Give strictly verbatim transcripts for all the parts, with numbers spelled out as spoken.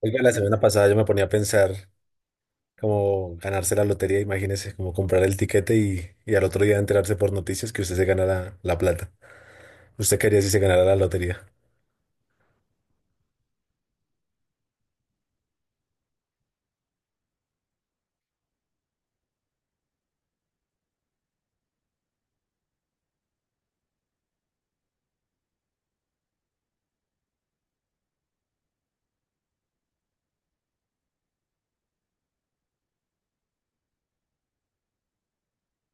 Oiga, la semana pasada yo me ponía a pensar como ganarse la lotería, imagínese, como comprar el tiquete y, y al otro día enterarse por noticias que usted se gana la, la plata. ¿Usted quería si se ganara la lotería?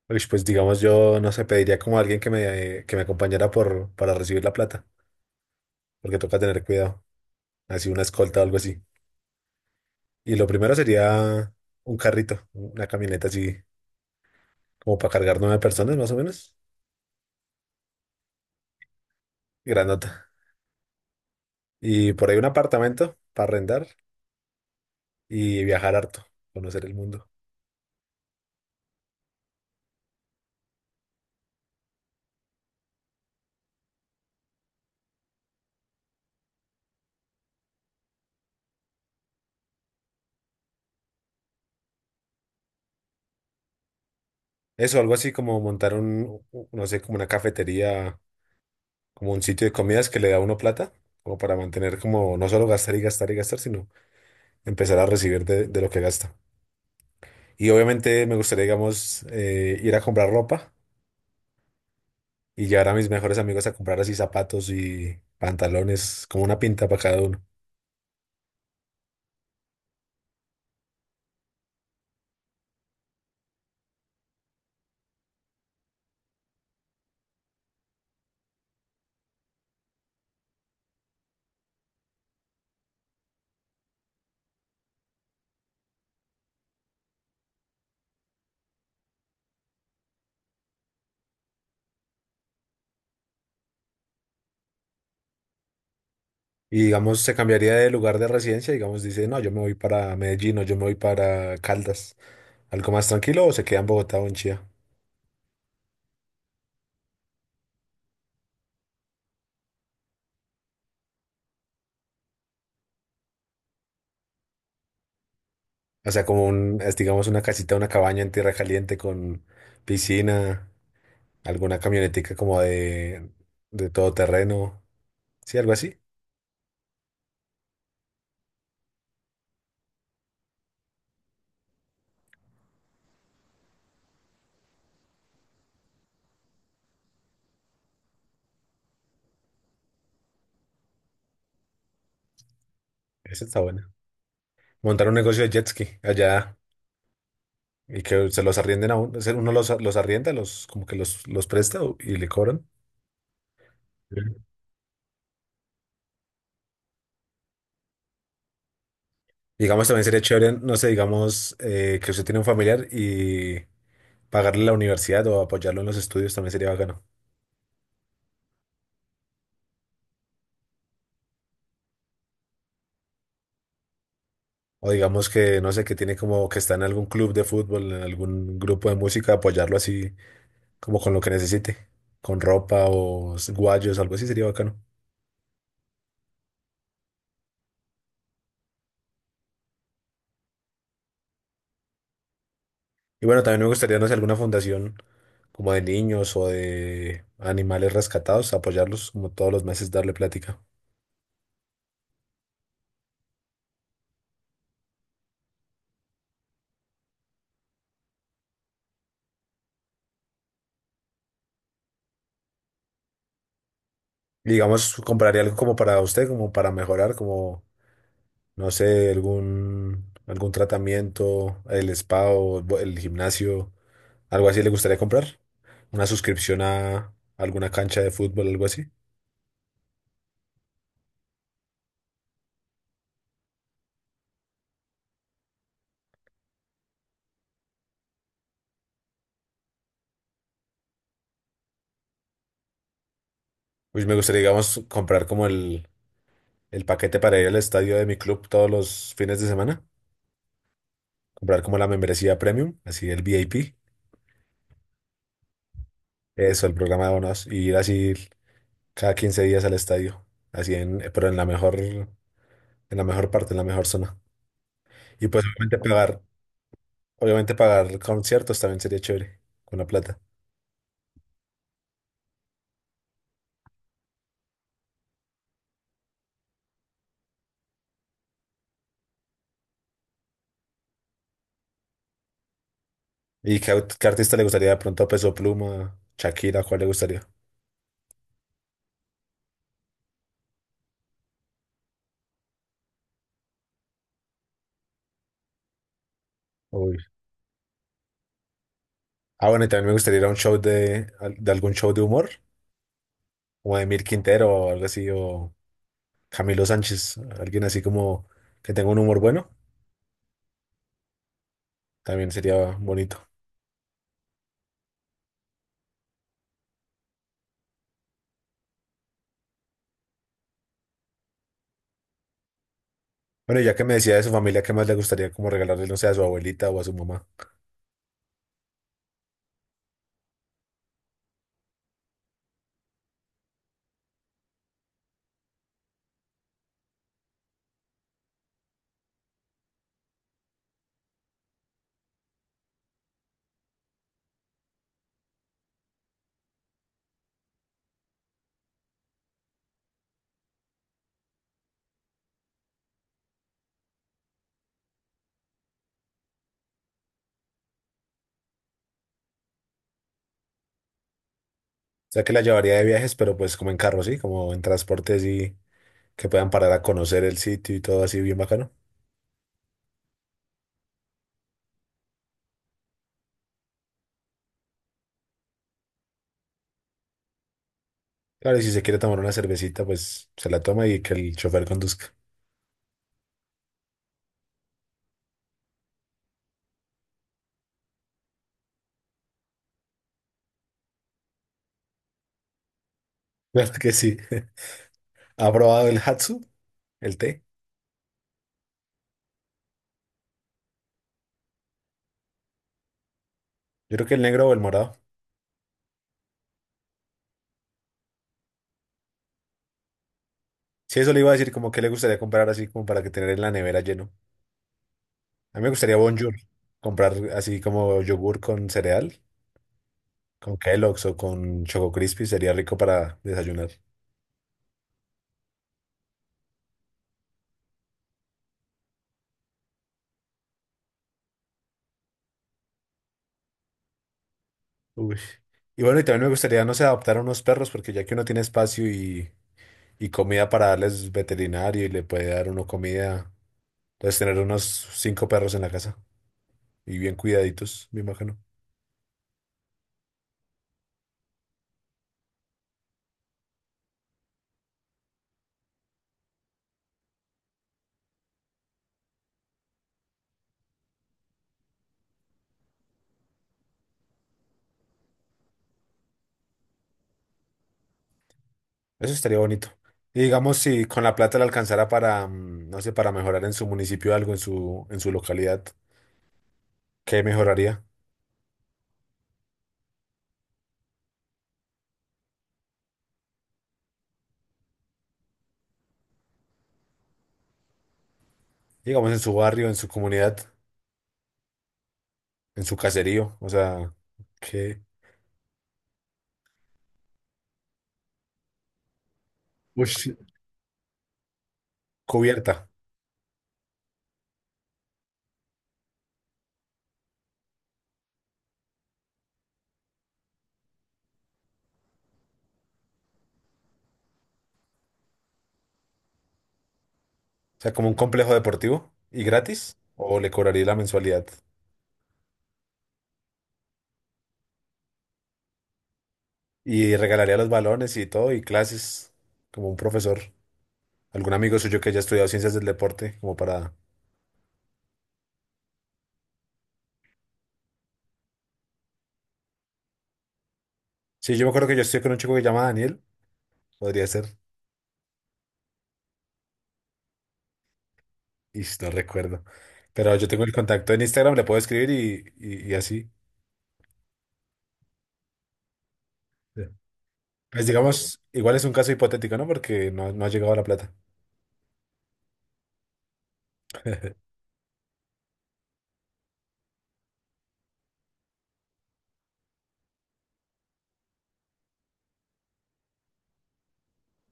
Uy, pues digamos yo, no sé, pediría como a alguien que me, que me acompañara por, para recibir la plata, porque toca tener cuidado, así una escolta o algo así. Y lo primero sería un carrito, una camioneta así, como para cargar nueve personas más o menos, grandota. Y por ahí un apartamento para arrendar y viajar harto, conocer el mundo. Eso, algo así como montar un, u- no sé, como una cafetería, como un sitio de comidas que le da a uno plata, como para mantener como no solo gastar y gastar y gastar, sino empezar a recibir de, de lo que gasta. Y obviamente me gustaría, digamos, eh, ir a comprar ropa y llevar a mis mejores amigos a comprar así zapatos y pantalones, como una pinta para cada uno. Y digamos, se cambiaría de lugar de residencia, digamos, dice, no, yo me voy para Medellín o yo me voy para Caldas, algo más tranquilo, o se queda en Bogotá o en Chía. O sea, como un, es, digamos, una casita, una cabaña en tierra caliente con piscina, alguna camionetica como de, de todoterreno. Sí, algo así. Eso está bueno. Montar un negocio de jet ski allá y que se los arrienden a uno. O sea, uno los, los arrienda, los, como que los, los presta o- y le cobran. Sí. Digamos, también sería chévere, no sé, digamos, eh, que usted tiene un familiar y pagarle la universidad o apoyarlo en los estudios también sería bacano. O digamos que, no sé, que tiene como que está en algún club de fútbol, en algún grupo de música, apoyarlo así, como con lo que necesite, con ropa o s- guayos, algo así sería bacano. Y bueno, también me gustaría, no sé, alguna fundación como de niños o de animales rescatados, apoyarlos como todos los meses, darle plática. Y digamos, compraría algo como para usted, como para mejorar, como, no sé, algún, algún tratamiento, el spa o el bo- el gimnasio. ¿Algo así le gustaría comprar? ¿Una suscripción a alguna cancha de fútbol, algo así? Pues me gustaría, digamos, comprar como el, el paquete para ir al estadio de mi club todos los fines de semana. Comprar como la membresía premium, así el V I P. Eso, el programa de abonados. Y ir así cada quince días al estadio. Así en, pero en la mejor, en la mejor parte, en la mejor zona. Y pues obviamente pagar, obviamente pagar conciertos también sería chévere, con la plata. ¿Y qué, aut- qué artista le gustaría de pronto? ¿Peso Pluma, Shakira, cuál le gustaría? Uy. Ah, bueno, y también me gustaría ir a un show de, de algún show de humor, como de Emil Quintero o algo así, o Camilo Sánchez, alguien así como que tenga un humor bueno, también sería bonito. Bueno, y ya que me decía de su familia, ¿qué más le gustaría como regalarle, no sé, a su abuelita o a su mamá? O sea, que la llevaría de viajes, pero pues como en carro, ¿sí? Como en transportes y que puedan parar a conocer el sitio y todo así bien bacano. Claro, y si se quiere tomar una cervecita, pues se la toma y que el chofer conduzca. Claro que sí. ¿Ha probado el Hatsu, el té? Yo creo que el negro o el morado. Sí, eso le iba a decir, como que le gustaría comprar así como para que tener en la nevera lleno. A mí me gustaría Bonjour, comprar así como yogur con cereal, con Kellogg's o con Choco Crispy, sería rico para desayunar. Uy. Y bueno, y también me gustaría, no sé, adoptar a unos perros, porque ya que uno tiene espacio y, y comida para darles veterinario y le puede dar uno comida, entonces tener unos cinco perros en la casa y bien cuidaditos, me imagino. Eso estaría bonito. Y digamos, si con la plata le alcanzara para, mm, no sé, para mejorar en su municipio algo, en su, en su localidad, ¿qué mejoraría? Digamos, en su barrio, en su comunidad, en su caserío, o sea, ¿qué? ¿Pues cubierta? O sea, como un complejo deportivo y gratis, o le cobraría la mensualidad y regalaría los balones y todo, y clases, como un profesor, algún amigo suyo que haya estudiado ciencias del deporte, como para... Sí, yo me acuerdo que yo estoy con un chico que se llama Daniel, podría ser. Y no recuerdo. Pero yo tengo el contacto en Instagram, le puedo escribir y, y- y así. Sí. Pues digamos, igual es un caso hipotético, ¿no? Porque no, no ha llegado la plata.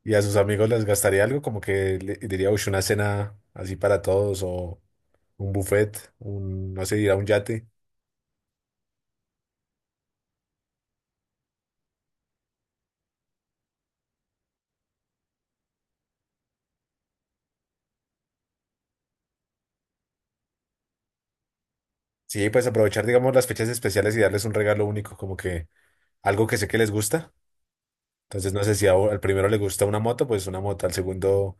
Y a sus amigos les gastaría algo, como que le diría, uy, una cena así para todos o un buffet, un, no sé, ir a un yate. Sí, pues aprovechar, digamos, las fechas especiales y darles un regalo único, como que algo que sé que les gusta. Entonces, no sé si a- al primero le gusta una moto, pues una moto, al segundo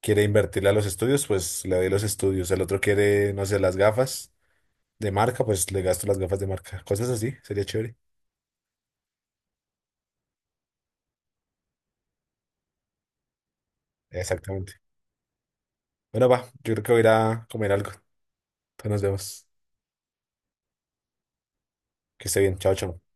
quiere invertirle a los estudios, pues le doy los estudios. El otro quiere, no sé, las gafas de marca, pues le gasto las gafas de marca. Cosas así, sería chévere. Exactamente. Bueno, va, yo creo que voy a ir a comer algo. Entonces nos vemos. Que esté bien. Chao, chao.